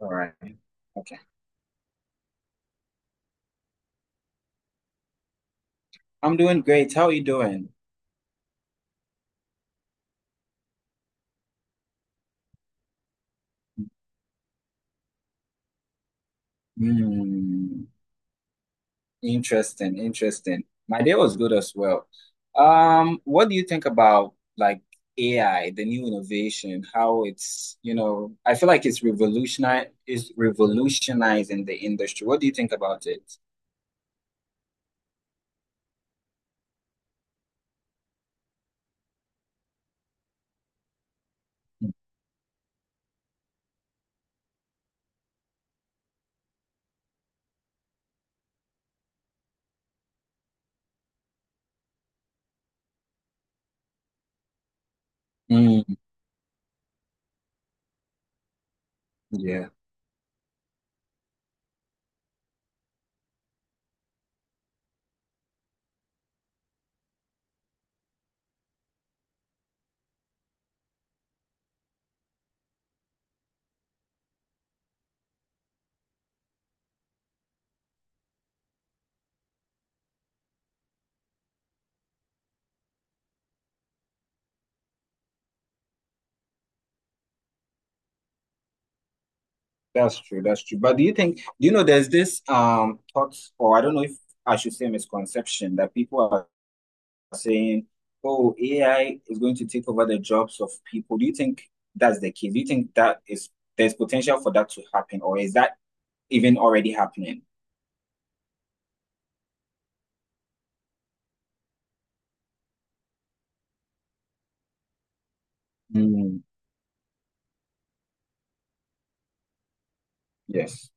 All right. Okay. I'm doing great. How are you doing? Hmm. Interesting. Interesting. My day was good as well. What do you think about like AI, the new innovation, how it's, you know, I feel like it's revolutionize is revolutionizing the industry. What do you think about it? Mm, yeah, that's true. That's true. But do you think, do you know, there's this thoughts, or I don't know if I should say misconception that people saying, oh, AI is going to take over the jobs of people. Do you think that's the case? Do you think that is there's potential for that to happen, or is that even already happening? Mm, yes.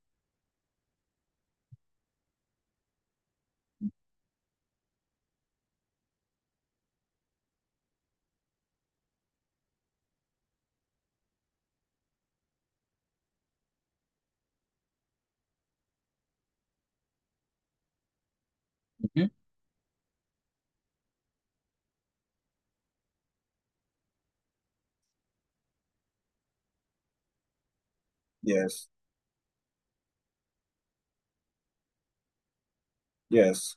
Mhm. Yes. Yes.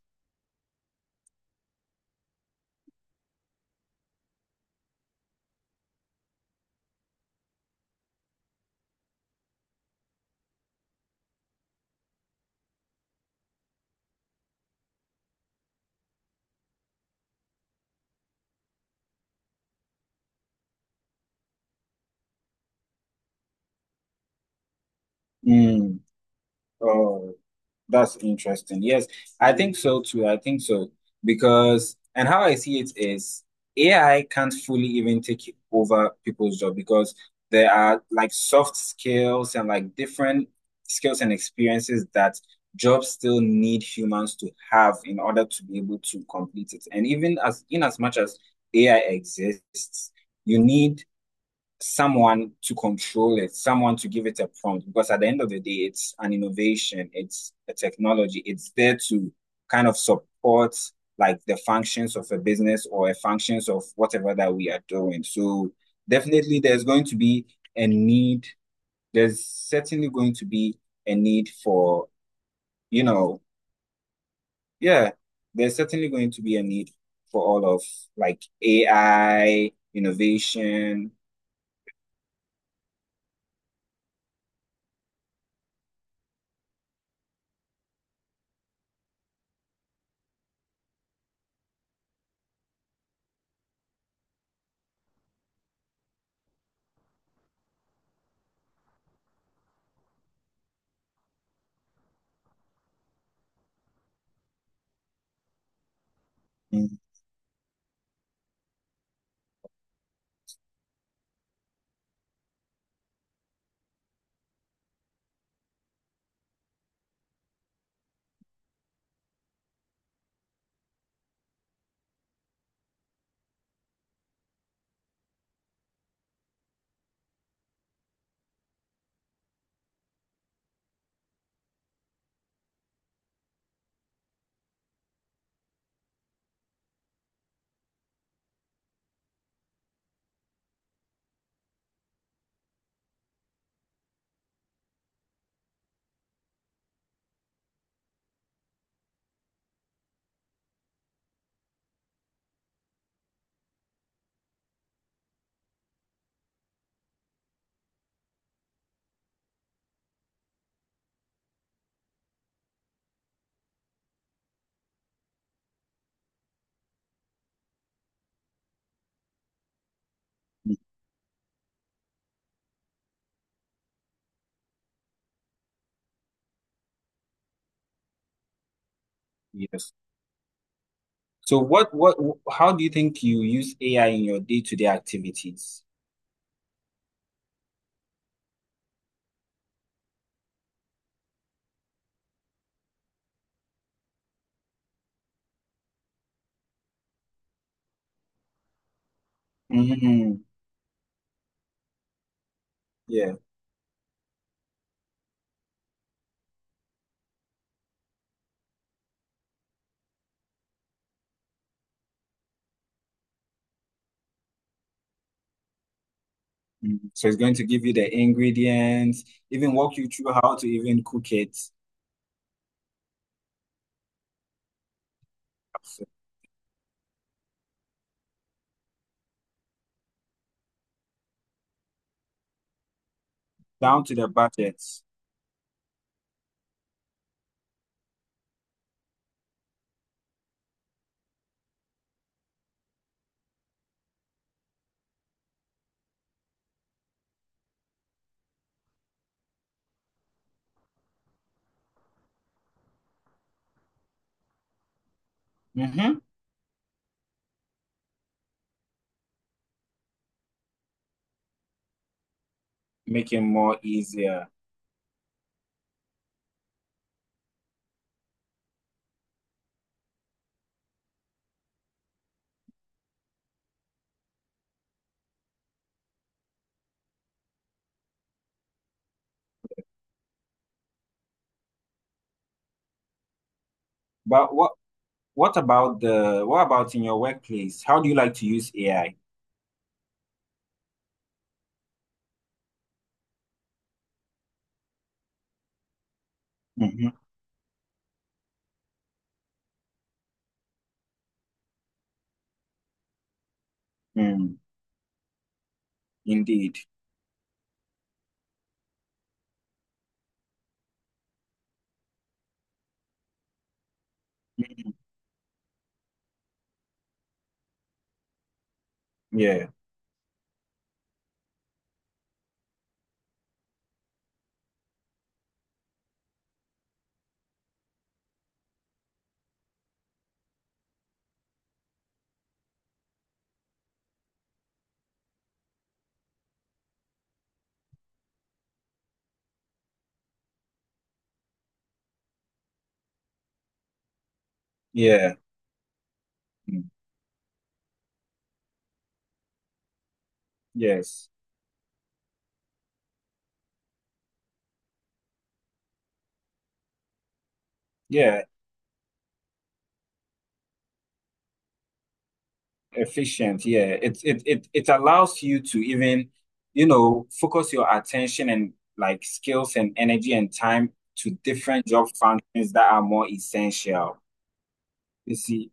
Mm. Oh. That's interesting. Yes, I think so too. I think so because, and how I see it is AI can't fully even take over people's job because there are like soft skills and like different skills and experiences that jobs still need humans to have in order to be able to complete it. And even as in as much as AI exists, you need someone to control it, someone to give it a prompt. Because at the end of the day, it's an innovation, it's a technology, it's there to kind of support like the functions of a business or a functions of whatever that we are doing. So definitely there's going to be a need. There's certainly going to be a need for, you know, yeah, there's certainly going to be a need for all of like AI, innovation. Mhm. Yes. So what how do you think you use AI in your day-to-day activities? Mhm. Yeah. Mhm. So it's going to give you the ingredients, even walk you through how to even cook it, so down to the budgets. Mm-hmm. Making more easier. But what about the what about in your workplace? How do you like to use AI? Mm-hmm. Mm. Indeed. Mhm. Yeah. Yeah. Mm. Yes. Yeah. Efficient, yeah, it allows you to even, you know, focus your attention and like skills and energy and time to different job functions that are more essential, you see,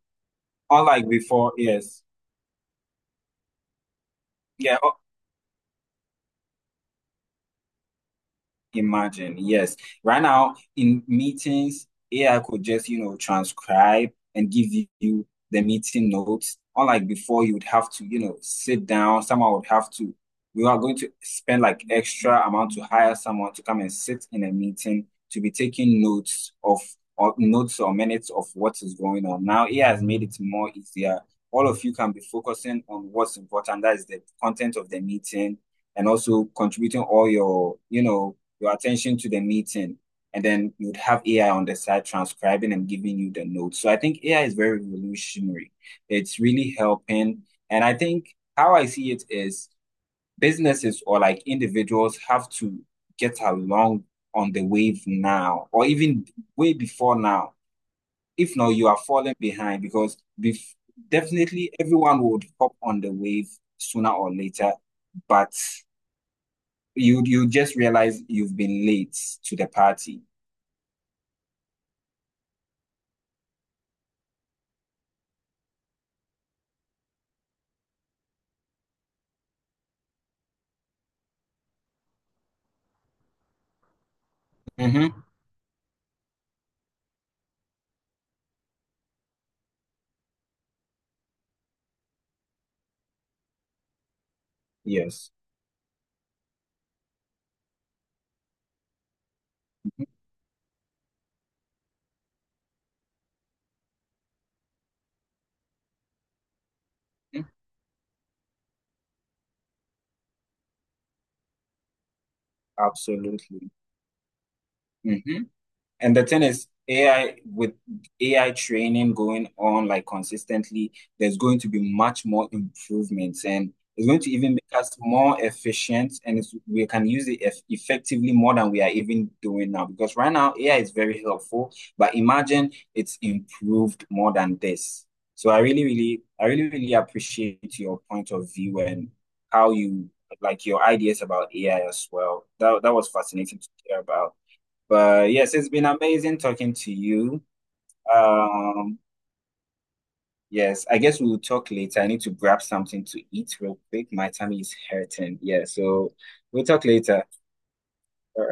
unlike before. Yes, yeah. Imagine, yes. Right now in meetings, AI could just, you know, transcribe and give you the meeting notes. Unlike before, you would have to, you know, sit down. Someone would have to, we are going to spend like extra amount to hire someone to come and sit in a meeting to be taking notes of or notes or minutes of what is going on. Now, AI has made it more easier. All of you can be focusing on what's important. That is the content of the meeting and also contributing all your, you know, your attention to the meeting, and then you'd have AI on the side transcribing and giving you the notes. So I think AI is very revolutionary. It's really helping. And I think how I see it is businesses or like individuals have to get along on the wave now, or even way before now. If not, you are falling behind because bef- definitely everyone would hop on the wave sooner or later, but you just realize you've been late to the party. Mm-hmm. Yes. Mhm. Absolutely. Mhm. And the thing is, AI with AI training going on like consistently, there's going to be much more improvements and it's going to even make us more efficient and it's, we can use it effectively more than we are even doing now. Because right now, AI is very helpful, but imagine it's improved more than this. So I really, really appreciate your point of view and how you like your ideas about AI as well. That was fascinating to hear about. But yes, it's been amazing talking to you. Um, yes, I guess we'll talk later. I need to grab something to eat real quick. My tummy is hurting. Yeah, so we'll talk later.